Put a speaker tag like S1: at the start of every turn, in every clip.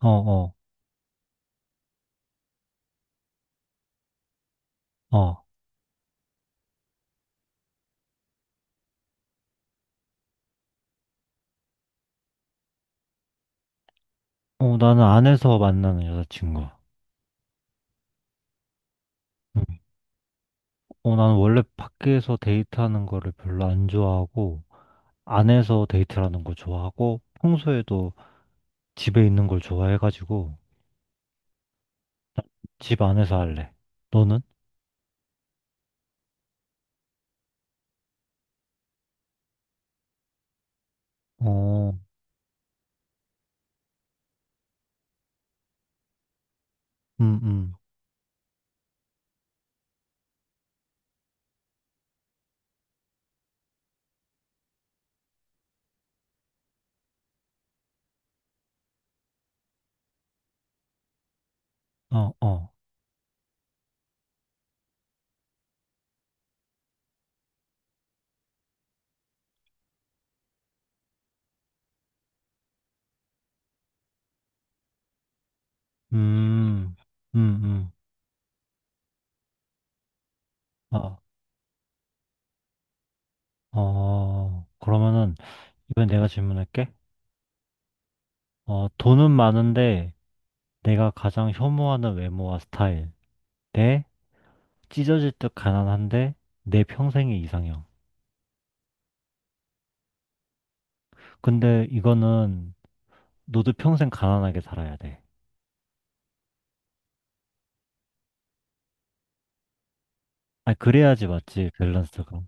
S1: 어, 어, 어. 나는 안에서 만나는 여자친구. 응. 나는 원래 밖에서 데이트하는 거를 별로 안 좋아하고, 안에서 데이트하는 거 좋아하고, 평소에도 집에 있는 걸 좋아해가지고, 집 안에서 할래. 너는? 어, 음, 음, 어, 어, 음, 음, 어, 어. 그러면은, 이번엔 내가 질문할게. 돈은 많은데, 내가 가장 혐오하는 외모와 스타일. 네? 찢어질 듯 가난한데 내 평생의 이상형. 근데 이거는 너도 평생 가난하게 살아야 돼. 아, 그래야지 맞지, 밸런스가.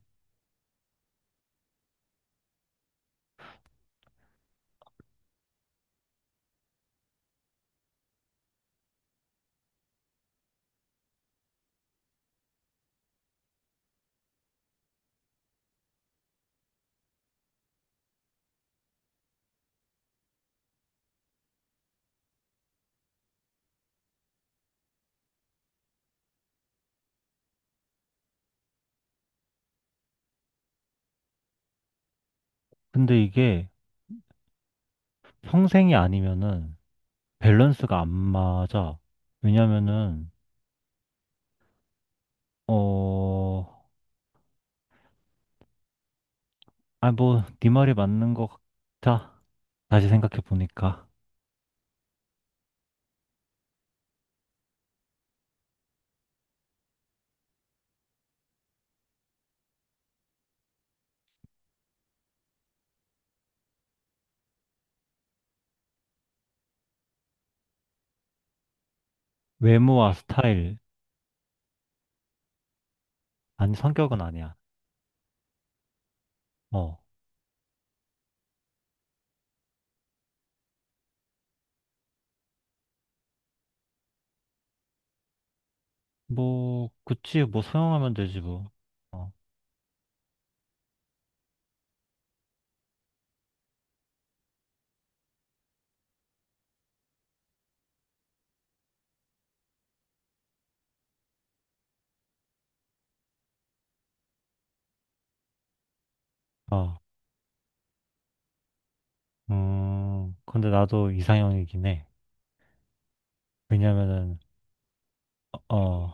S1: 근데 이게 평생이 아니면은 밸런스가 안 맞아. 왜냐면은, 어, 아, 뭐, 네 말이 맞는 것 같아. 다시 생각해 보니까. 외모와 스타일, 아니, 성격은 아니야. 어, 뭐, 그치, 뭐, 소용하면 되지, 뭐. 어, 아, 근데 나도 이상형이긴 해. 왜냐면은 어,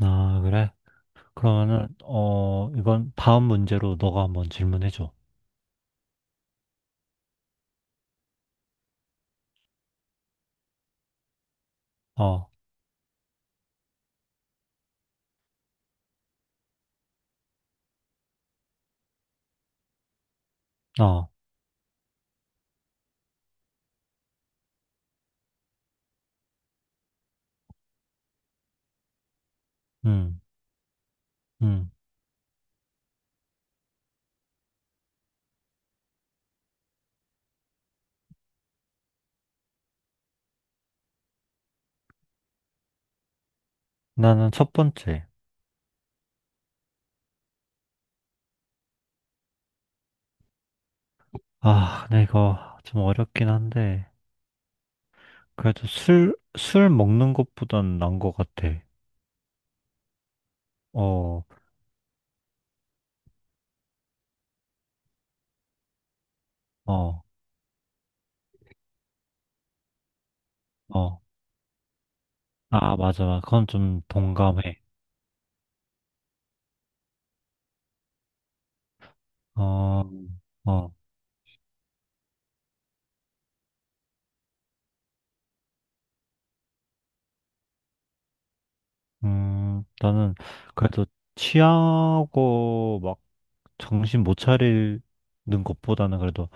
S1: 아 그래? 그러면은 어 이번 다음 문제로 너가 한번 질문해 줘. 어, 어, 음, 음. 나는 첫 번째. 아, 근데 이거 좀 어렵긴 한데 그래도 술 먹는 것보단 난 것 같아. 어, 어, 어. 아, 맞아, 맞아. 그건 좀 동감해. 어, 어, 나는 그래도 취하고 막 정신 못 차리는 것보다는 그래도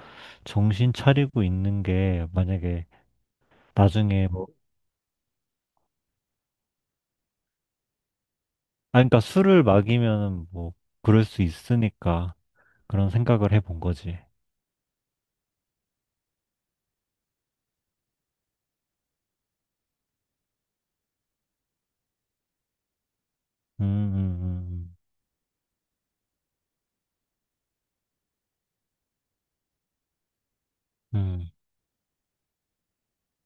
S1: 정신 차리고 있는 게 만약에 나중에 뭐, 아, 그러니까 술을 마기면 뭐, 그럴 수 있으니까 그런 생각을 해 본 거지. 음, 음, 음, 음,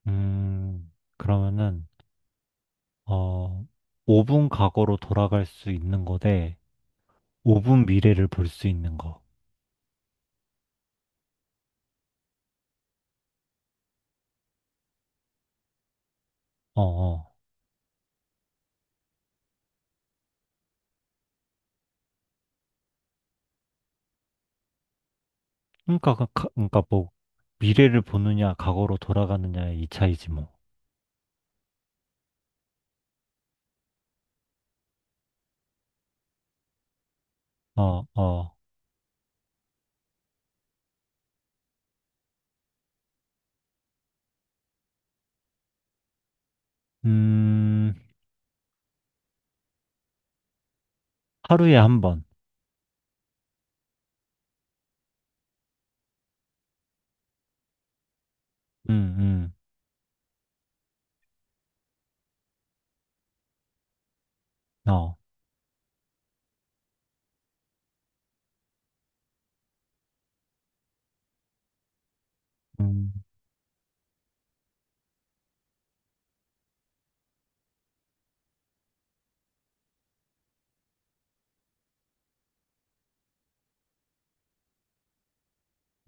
S1: 음. 음. 그러면은, 어, 5분 과거로 돌아갈 수 있는 거대 5분 미래를 볼 수 있는 거. 어, 어. 그러니까, 그러니까 뭐, 미래를 보느냐, 과거로 돌아가느냐의 이 차이지 뭐. 어, 어. 음, 하루에 한 번. 음, 어, 음,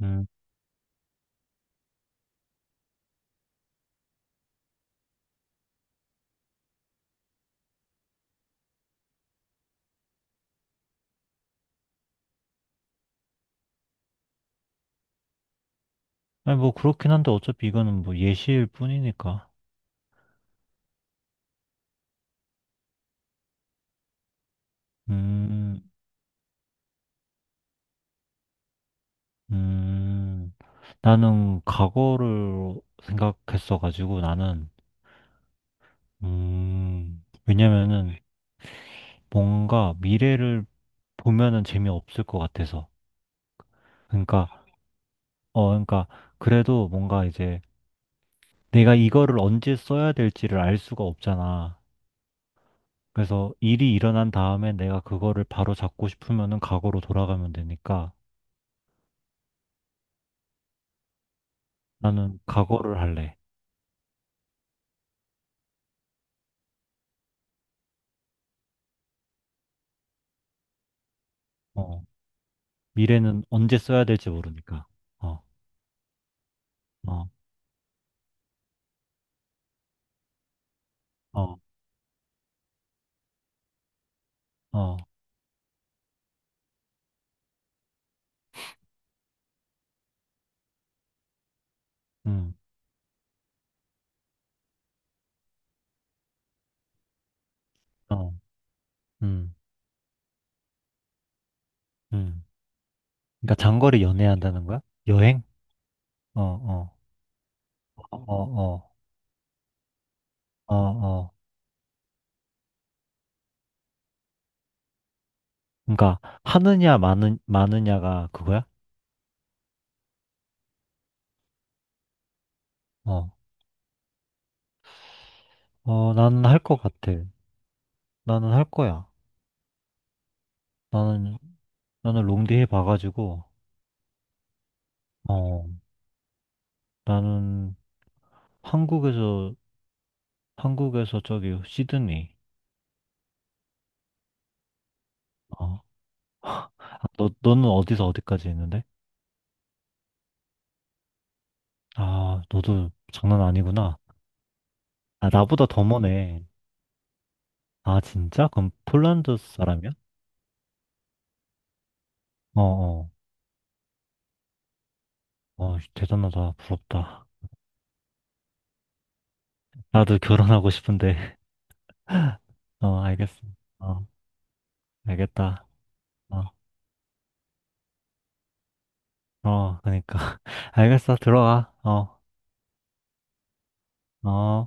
S1: 음. 아니, 뭐, 그렇긴 한데, 어차피 이거는 뭐 예시일 뿐이니까. 음, 음. 나는 과거를 생각했어가지고, 나는, 왜냐면은, 뭔가 미래를 보면은 재미없을 것 같아서. 그러니까, 어, 그러니까, 그래도 뭔가 이제, 내가 이거를 언제 써야 될지를 알 수가 없잖아. 그래서 일이 일어난 다음에 내가 그거를 바로 잡고 싶으면은 과거로 돌아가면 되니까 나는 과거를 할래. 어, 미래는 언제 써야 될지 모르니까. 어, 어, 어, 어, 음, 어, 음, 음. 그러니까 장거리 연애한다는 거야? 여행? 어, 어, 어, 어, 어, 어. 그러니까 마느냐가 그거야? 어, 어, 나는 할 것 같아. 나는 할 거야. 나는 나는 롱디 해봐가지고, 어, 나는 한국에서, 한국에서 저기 시드니. 어. 너는 어디서 어디까지 했는데? 아, 너도 장난 아니구나. 아, 나보다 더 머네. 아, 진짜? 그럼 폴란드 사람이야? 어, 어. 어, 대단하다. 부럽다. 나도 결혼하고 싶은데. 어, 알겠어. 어, 알겠다. 어, 어, 그러니까. 알겠어. 들어가. 어, 어.